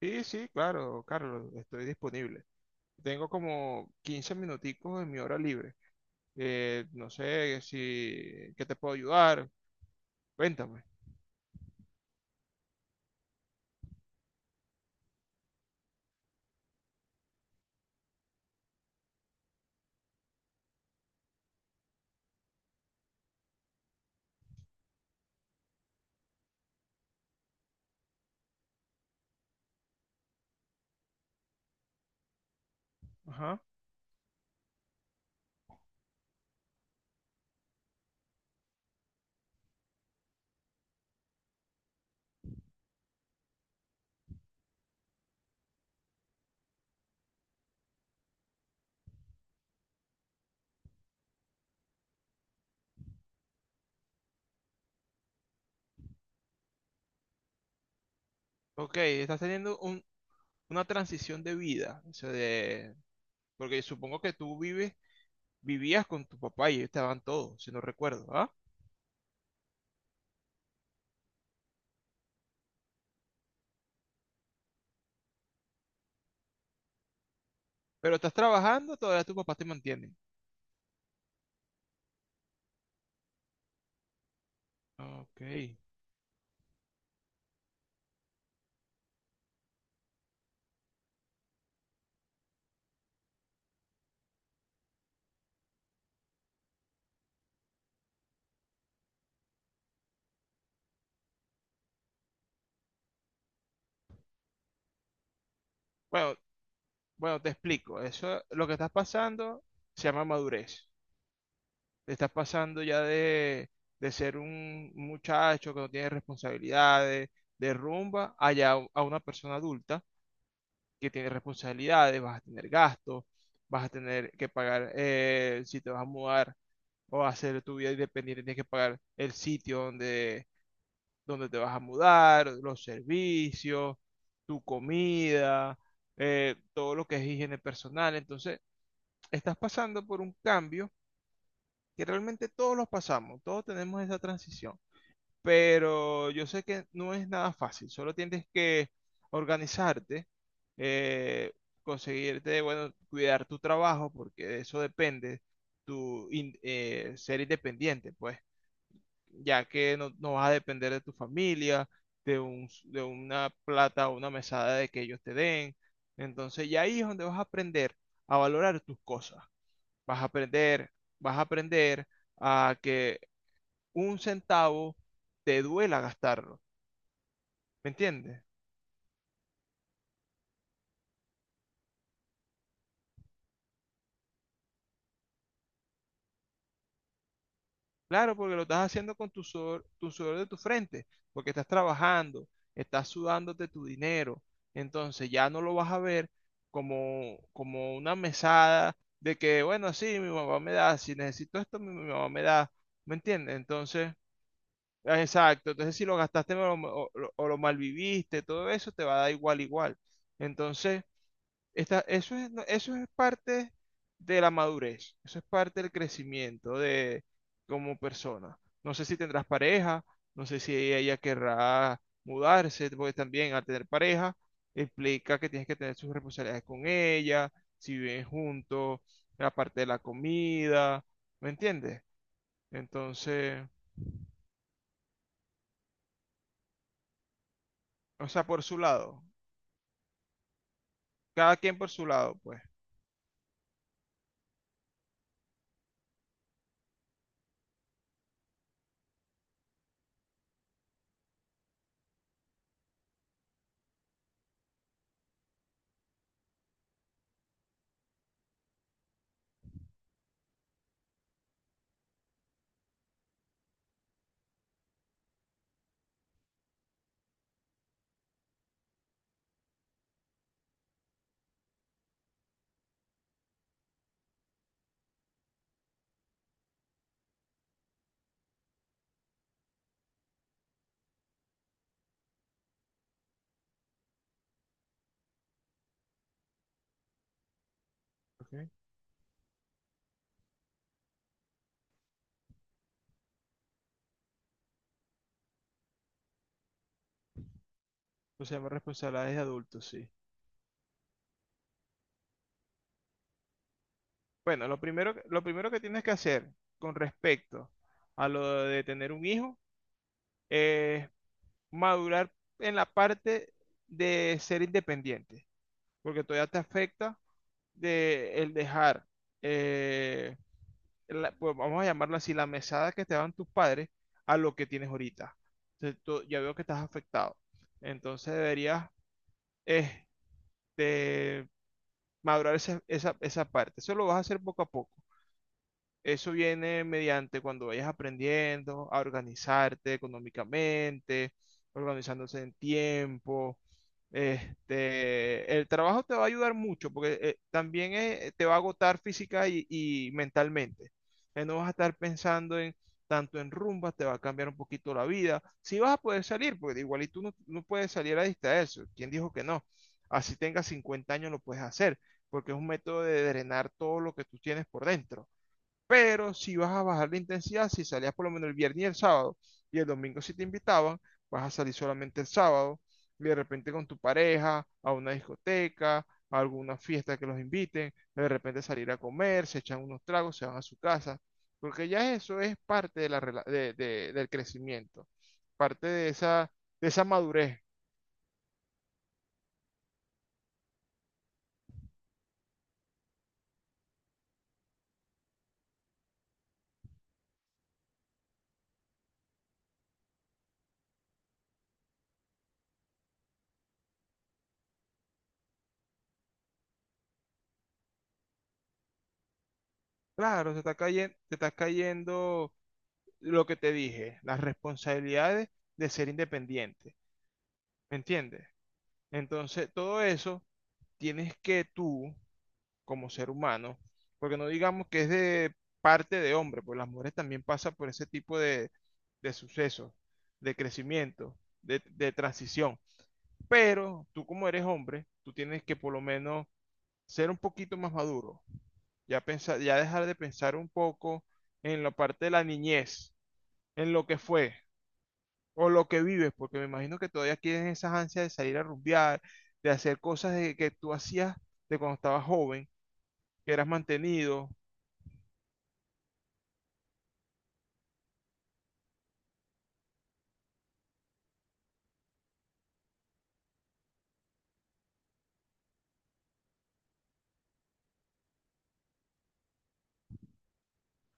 Sí, sí, claro, Carlos, estoy disponible. Tengo como 15 minuticos en mi hora libre. No sé si, ¿qué te puedo ayudar? Cuéntame. Ajá. Ok, estás teniendo una transición de vida, o sea, de, porque supongo que tú vives, vivías con tu papá y ellos te daban todo, si no recuerdo, ¿ah? Pero estás trabajando, todavía tu papá te mantiene. Ok. Bueno, bueno, te explico. Eso, lo que estás pasando se llama madurez. Te estás pasando ya de ser un muchacho que no tiene responsabilidades de rumba a ya a una persona adulta que tiene responsabilidades, vas a tener gastos, vas a tener que pagar si te vas a mudar o a hacer tu vida independiente, tienes que pagar el sitio donde te vas a mudar, los servicios, tu comida, todo lo que es higiene personal. Entonces, estás pasando por un cambio que realmente todos los pasamos, todos tenemos esa transición, pero yo sé que no es nada fácil, solo tienes que organizarte, eh, conseguirte, bueno, cuidar tu trabajo, porque de eso depende, ser independiente, pues, ya que no vas a depender de tu familia, de de una plata o una mesada de que ellos te den, entonces ya ahí es donde vas a aprender a valorar tus cosas. Vas a aprender, vas a aprender a que un centavo te duela gastarlo. ¿Me entiendes? Claro, porque lo estás haciendo con tu sudor de tu frente, porque estás trabajando, estás sudándote tu dinero. Entonces ya no lo vas a ver como, como una mesada de que, bueno, sí, mi mamá me da, si necesito esto, mi mamá me da. ¿Me entiendes? Entonces, ah, exacto. Entonces, si lo gastaste o lo malviviste, todo eso te va a dar igual. Entonces, Está, eso es, no, eso es parte de la madurez, eso es parte del crecimiento de como persona. No sé si tendrás pareja, no sé si ella querrá mudarse, porque también al tener pareja implica que tienes que tener sus responsabilidades con ella, si viven juntos, la parte de la comida, ¿me entiendes? Entonces, o sea, por su lado, cada quien por su lado, pues. ¿Ok? O sea, más responsabilidades de adultos, sí. Bueno, lo primero, lo primero que tienes que hacer con respecto a lo de tener un hijo es madurar en la parte de ser independiente, porque todavía te afecta de el dejar, eh, pues vamos a llamarlo así, la mesada que te daban tus padres a lo que tienes ahorita. Entonces, ya veo que estás afectado. Entonces deberías este, madurar esa parte. Eso lo vas a hacer poco a poco. Eso viene mediante cuando vayas aprendiendo a organizarte económicamente, organizándose en tiempo. Este, el trabajo te va a ayudar mucho porque también te va a agotar física y mentalmente. No vas a estar pensando en tanto en rumbas, te va a cambiar un poquito la vida. Si vas a poder salir, porque igual y tú no puedes salir a distraerse. ¿Quién dijo que no? Así tengas 50 años lo puedes hacer, porque es un método de drenar todo lo que tú tienes por dentro. Pero si vas a bajar la intensidad, si salías por lo menos el viernes y el sábado, y el domingo si te invitaban, vas a salir solamente el sábado, y de repente con tu pareja, a una discoteca, a alguna fiesta que los inviten, de repente salir a comer, se echan unos tragos, se van a su casa, porque ya eso es parte de la del crecimiento, parte de esa madurez. Claro, te está cayendo lo que te dije, las responsabilidades de ser independiente, ¿me entiendes? Entonces, todo eso tienes que tú, como ser humano, porque no digamos que es de parte de hombre, pues las mujeres también pasan por ese tipo de sucesos, de crecimiento, de transición. Pero tú como eres hombre, tú tienes que por lo menos ser un poquito más maduro, ya pensar, ya dejar de pensar un poco en la parte de la niñez, en lo que fue o lo que vives, porque me imagino que todavía tienes esas ansias de salir a rumbear, de hacer cosas de que tú hacías de cuando estabas joven, que eras mantenido,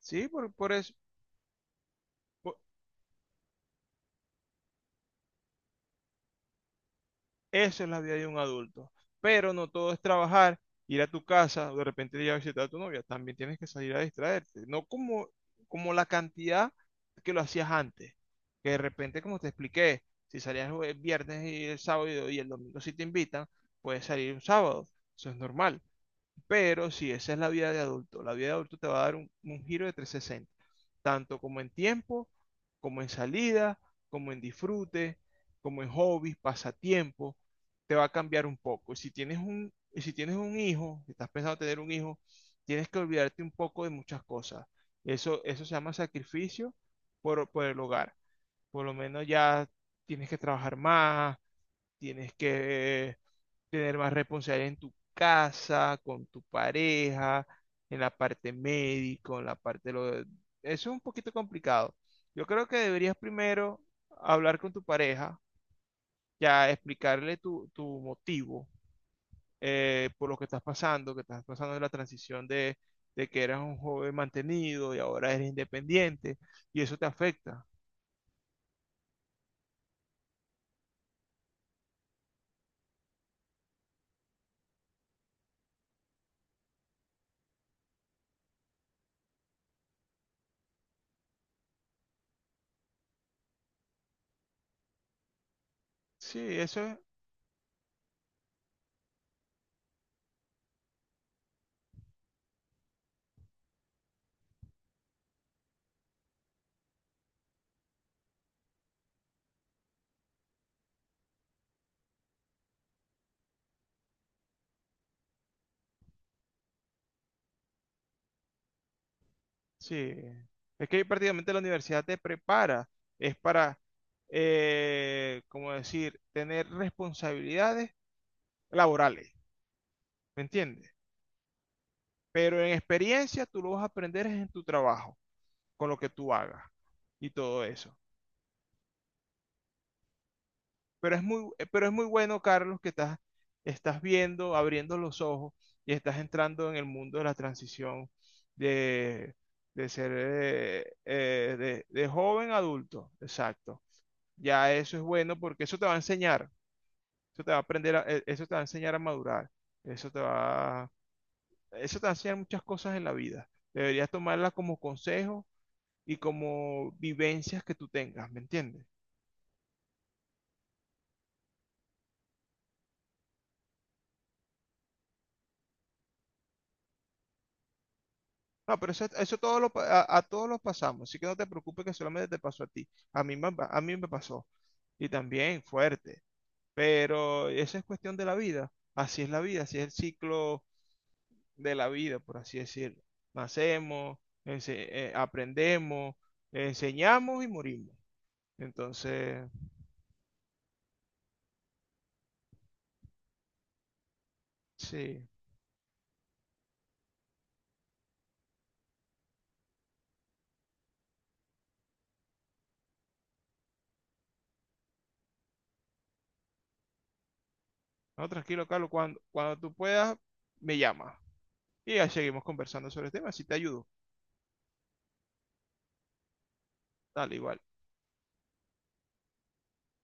¿sí? Por eso, por- eso es la vida de un adulto. Pero no todo es trabajar, ir a tu casa, o de repente ir a visitar a tu novia, también tienes que salir a distraerte, no como, como la cantidad que lo hacías antes, que de repente, como te expliqué, si salías el viernes y el sábado y el domingo si te invitan, puedes salir un sábado, eso es normal. Pero si esa es la vida de adulto, la vida de adulto te va a dar un giro de 360, tanto como en tiempo, como en salida, como en disfrute, como en hobbies, pasatiempo, te va a cambiar un poco. Y si tienes un hijo, si estás pensando tener un hijo, tienes que olvidarte un poco de muchas cosas. Eso se llama sacrificio por el hogar. Por lo menos ya tienes que trabajar más, tienes que tener más responsabilidad en tu casa, con tu pareja, en la parte médico, en la parte de eso es un poquito complicado. Yo creo que deberías primero hablar con tu pareja, ya explicarle tu motivo por lo que estás pasando en la transición de que eras un joven mantenido y ahora eres independiente y eso te afecta. Sí, eso Sí, es que prácticamente la universidad te prepara, es para, como decir, tener responsabilidades laborales, ¿me entiendes? Pero en experiencia tú lo vas a aprender es en tu trabajo, con lo que tú hagas y todo eso. Pero es muy bueno, Carlos, que estás, estás viendo, abriendo los ojos y estás entrando en el mundo de la transición de, de ser de joven a adulto, exacto. Ya eso es bueno porque eso te va a enseñar, eso te va a aprender, eso te va a enseñar a madurar, eso te va, eso te va a enseñar muchas cosas en la vida. Deberías tomarla como consejo y como vivencias que tú tengas, ¿me entiendes? No, pero eso todo lo, a todos los pasamos, así que no te preocupes que solamente te pasó a ti. A mí me pasó y también fuerte, pero esa es cuestión de la vida. Así es la vida, así es el ciclo de la vida, por así decirlo. Nacemos, aprendemos, enseñamos y morimos. Entonces, sí. No, tranquilo, Carlos, cuando tú puedas, me llamas. Y ya seguimos conversando sobre el tema, si te ayudo. Dale, igual.